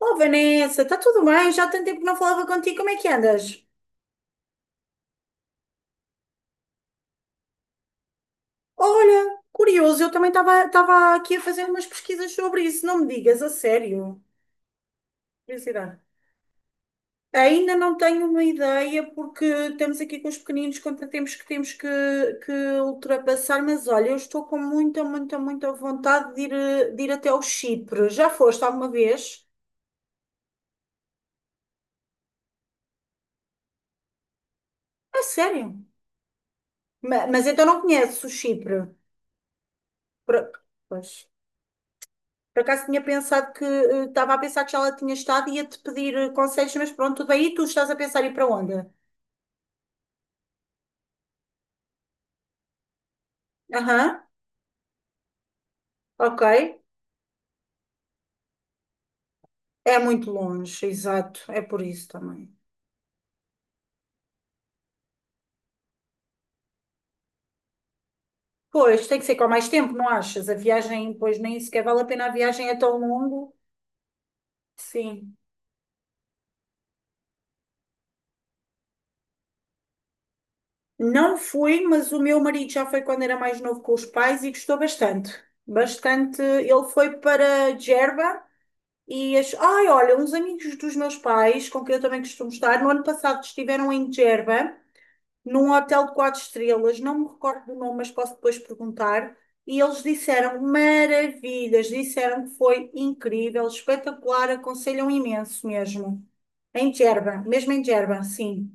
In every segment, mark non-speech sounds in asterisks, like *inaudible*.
Oh, Vanessa, está tudo bem? Já há tanto tempo que não falava contigo, como é que andas? Olha, curioso, eu também estava aqui a fazer umas pesquisas sobre isso, não me digas, a sério. Curiosidade. Ainda não tenho uma ideia, porque estamos aqui com os pequeninos, quanto temos que ultrapassar, mas olha, eu estou com muita, muita, muita vontade de ir, de ir até ao Chipre. Já foste alguma vez? A sério? Mas, então não conheces o Chipre? Por- Pois. Por acaso tinha pensado que estava a pensar que já lá tinha estado e ia-te pedir conselhos, mas pronto, tudo tu estás a pensar ir para onde? Aham, ok. É muito longe, exato. É por isso também. Pois, tem que ser com mais tempo, não achas? A viagem, pois nem sequer vale a pena, a viagem é tão longo. Sim. Não fui, mas o meu marido já foi quando era mais novo com os pais e gostou bastante. Bastante. Ele foi para Gerba. E as... Ai, olha, uns amigos dos meus pais, com quem eu também costumo estar, no ano passado estiveram em Djerba, num hotel de quatro estrelas, não me recordo do nome, mas posso depois perguntar. E eles disseram maravilhas, disseram que foi incrível, espetacular, aconselham imenso mesmo. Em Djerba, mesmo em Djerba, sim.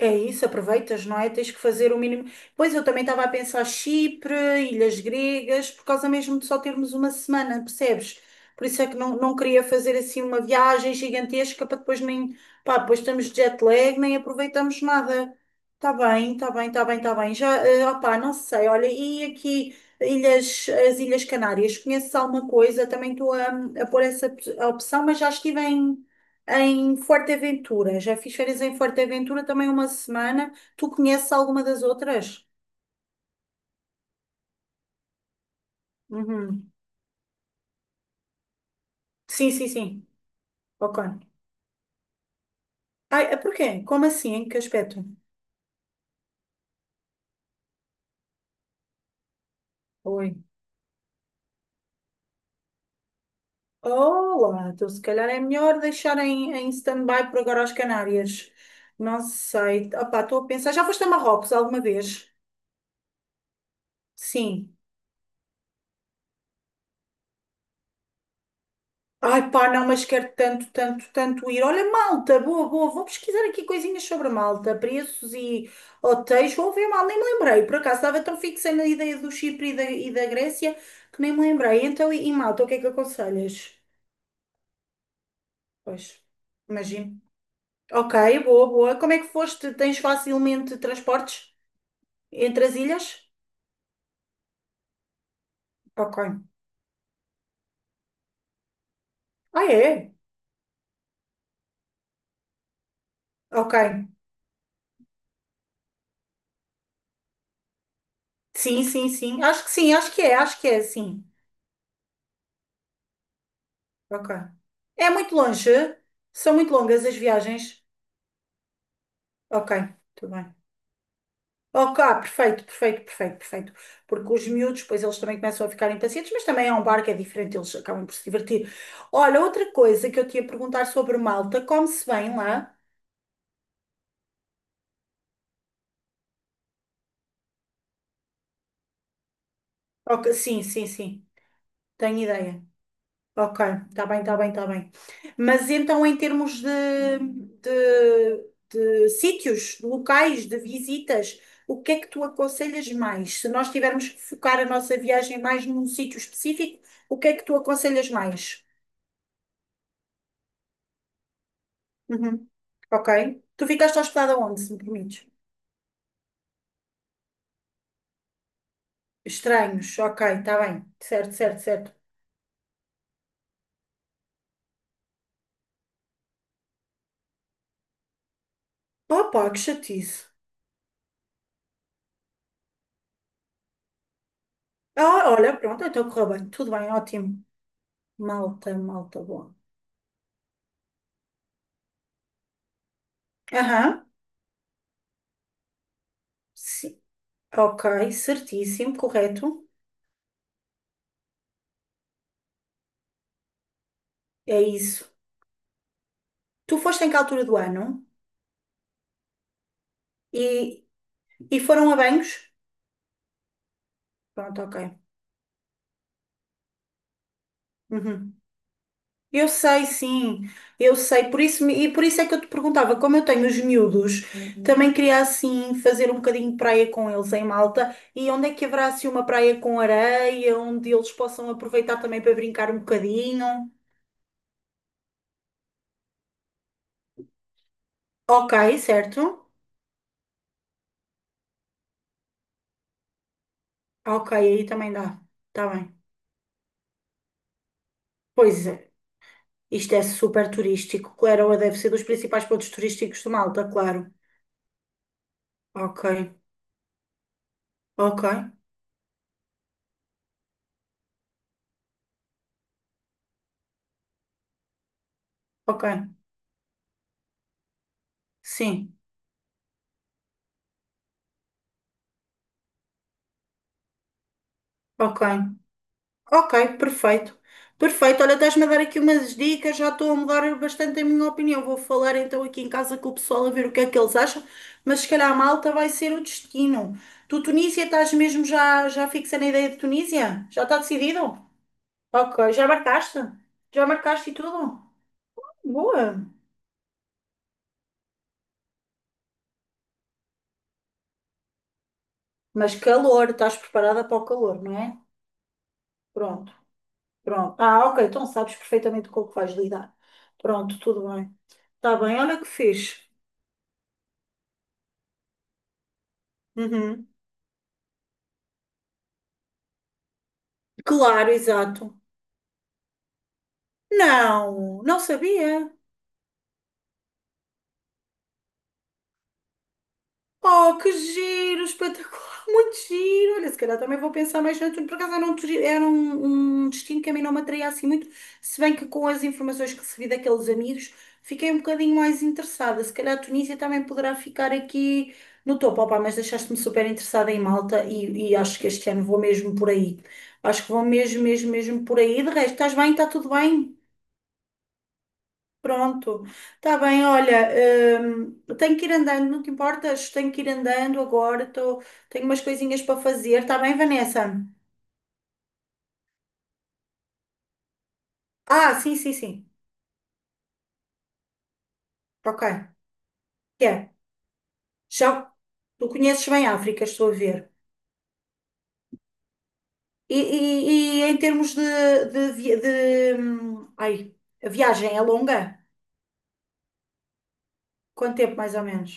É isso, aproveitas, não é? Tens que fazer o mínimo. Pois eu também estava a pensar Chipre, Ilhas Gregas, por causa mesmo de só termos uma semana, percebes? Por isso é que não queria fazer assim uma viagem gigantesca para depois nem. Pá, depois estamos de jet lag, nem aproveitamos nada. Está bem, está bem, está bem, está bem. Já, opá, não sei, olha, e aqui ilhas, as Ilhas Canárias, conheces alguma coisa? Também estou a pôr essa op- a opção, mas já estive em. Em Forteventura, já fiz férias em Forteventura também uma semana. Tu conheces alguma das outras? Uhum. Sim, sim, sim. Ok. Ai, é porquê? Como assim? Em que aspecto? Oi. Olá, então se calhar é melhor deixar em stand-by por agora as Canárias. Não sei. Opá, estou a pensar. Já foste a Marrocos alguma vez? Sim. Ai pá, não, mas quero tanto, tanto, tanto ir. Olha, Malta, boa, boa, vou pesquisar aqui coisinhas sobre a Malta, preços e hotéis, vou ver mal, nem me lembrei, por acaso estava tão fixa na ideia do Chipre e da Grécia que nem me lembrei. Então, e Malta, o que é que aconselhas? Pois, imagino. Ok, boa, boa. Como é que foste? Tens facilmente transportes entre as ilhas? Ok. Ah, é? Ok. Sim, sim, sim. Acho que sim, acho que é, sim. Ok. É muito longe? São muito longas as viagens? Ok, tudo bem. Ok, ah, perfeito, perfeito, perfeito, perfeito. Porque os miúdos, pois eles também começam a ficar impacientes, mas também é um bar que é diferente, eles acabam por se divertir. Olha, outra coisa que eu te ia perguntar sobre Malta, come-se bem lá? Ok, sim, sim, sim, tenho ideia. Ok, está bem, está bem, está bem. Mas então, em termos de sítios, de locais, de visitas, o que é que tu aconselhas mais? Se nós tivermos que focar a nossa viagem mais num sítio específico, o que é que tu aconselhas mais? Uhum. Ok. Tu ficaste hospedada onde, se me permites? Estranhos, ok, está bem. Certo, certo, certo. Opa, que chatice. Ah, olha, pronto, então correu bem. Tudo bem, ótimo. Malta, malta, boa. Aham. Sim. Ok, certíssimo, correto. É isso. Tu foste em que altura do ano? E, e foram a banhos? Pronto, ok. Uhum. Eu sei, sim, eu sei. Por isso, e por isso é que eu te perguntava, como eu tenho os miúdos, Uhum. Também queria assim fazer um bocadinho de praia com eles em Malta. E onde é que haverá assim uma praia com areia, onde eles possam aproveitar também para brincar um bocadinho? Ok, certo. Ok, aí também dá. Está bem. Pois é. Isto é super turístico. Claro, deve ser dos principais pontos turísticos de Malta, claro. Ok, ok, ok. Sim, ok. Ok, perfeito. Perfeito. Olha, estás-me a dar aqui umas dicas. Já estou a mudar bastante a minha opinião. Vou falar então aqui em casa com o pessoal a ver o que é que eles acham. Mas se calhar a Malta vai ser o destino. Tu, Tunísia, estás mesmo já, já fixa na ideia de Tunísia? Já está decidido? Ok, já marcaste? Já marcaste e tudo? Boa. Mas calor, estás preparada para o calor, não é? Pronto, pronto. Ah, ok, então sabes perfeitamente com o que vais lidar. Pronto, tudo bem. Está bem, olha que fixe. Uhum. Claro, exato. Não, não sabia. Oh, que giro, espetacular, *laughs* muito giro. Olha, se calhar também vou pensar mais no tudo. Por acaso era um um destino que a mim não me atraía assim muito, se bem que com as informações que recebi daqueles amigos, fiquei um bocadinho mais interessada. Se calhar a Tunísia também poderá ficar aqui no topo. Opa, mas deixaste-me super interessada em Malta e acho que este ano vou mesmo por aí. Acho que vou mesmo, mesmo, mesmo por aí. De resto, estás bem? Está tudo bem? Pronto, está bem, olha, hum, tenho que ir andando, não te importas? Tenho que ir andando agora, tô, tenho umas coisinhas para fazer, está bem, Vanessa? Ah, sim, sim, sim, ok, que é, já, tu conheces bem a África, estou a ver, e em termos de, ai, a viagem é longa? Quanto tempo mais ou menos?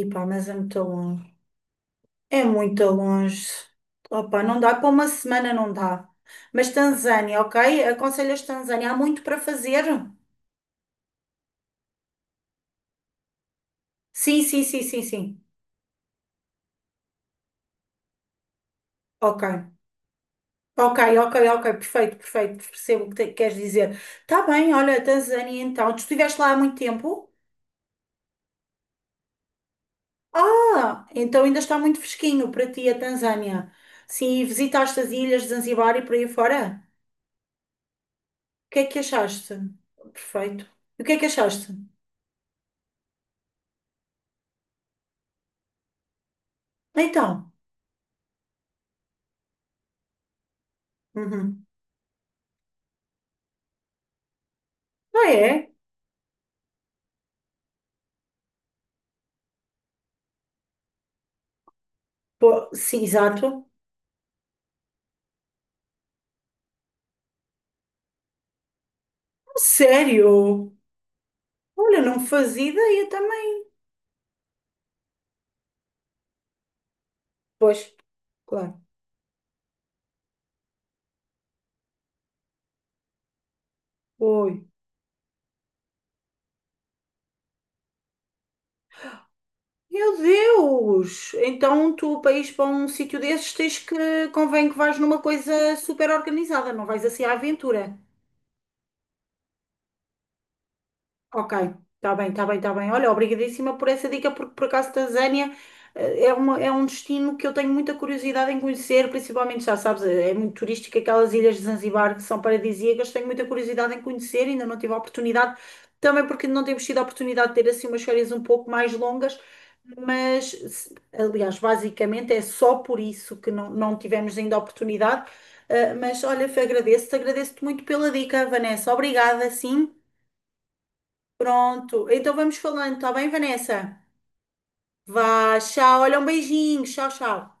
Ih pá, mas é muito longe. É muito longe. Opa, não dá, para uma semana não dá. Mas Tanzânia, ok? Aconselhas Tanzânia, há muito para fazer? Sim, sim, sim, sim, sim. Ok. Ok, ok, ok, perfeito, perfeito, percebo queres dizer. Tá bem, olha, Tanzânia então, tu estiveste lá há muito tempo? Ah, então ainda está muito fresquinho para ti a Tanzânia. Sim, visitaste as ilhas de Zanzibar e por aí fora? O que é que achaste? Perfeito. E o que é que achaste? Então. Uhum. Ah, é? Pô, sim, exato. Sério? Olha, não fazia ideia também. Pois, claro. Oi. Meu Deus! Então tu, para ires para um sítio desses, tens que, convém que vais numa coisa super organizada, não vais assim à aventura. Ok, está bem, está bem, está bem. Olha, obrigadíssima por essa dica, porque por acaso Tanzânia é um destino que eu tenho muita curiosidade em conhecer, principalmente, já sabes, é muito turístico, aquelas ilhas de Zanzibar que são paradisíacas, tenho muita curiosidade em conhecer, ainda não tive a oportunidade, também porque não temos tido a oportunidade de ter assim umas férias um pouco mais longas, mas, aliás, basicamente é só por isso que não tivemos ainda a oportunidade. Mas olha, agradeço-te muito pela dica, Vanessa. Obrigada, sim. Pronto. Então vamos falando, tá bem, Vanessa? Vá, tchau. Olha, um beijinho. Tchau, tchau.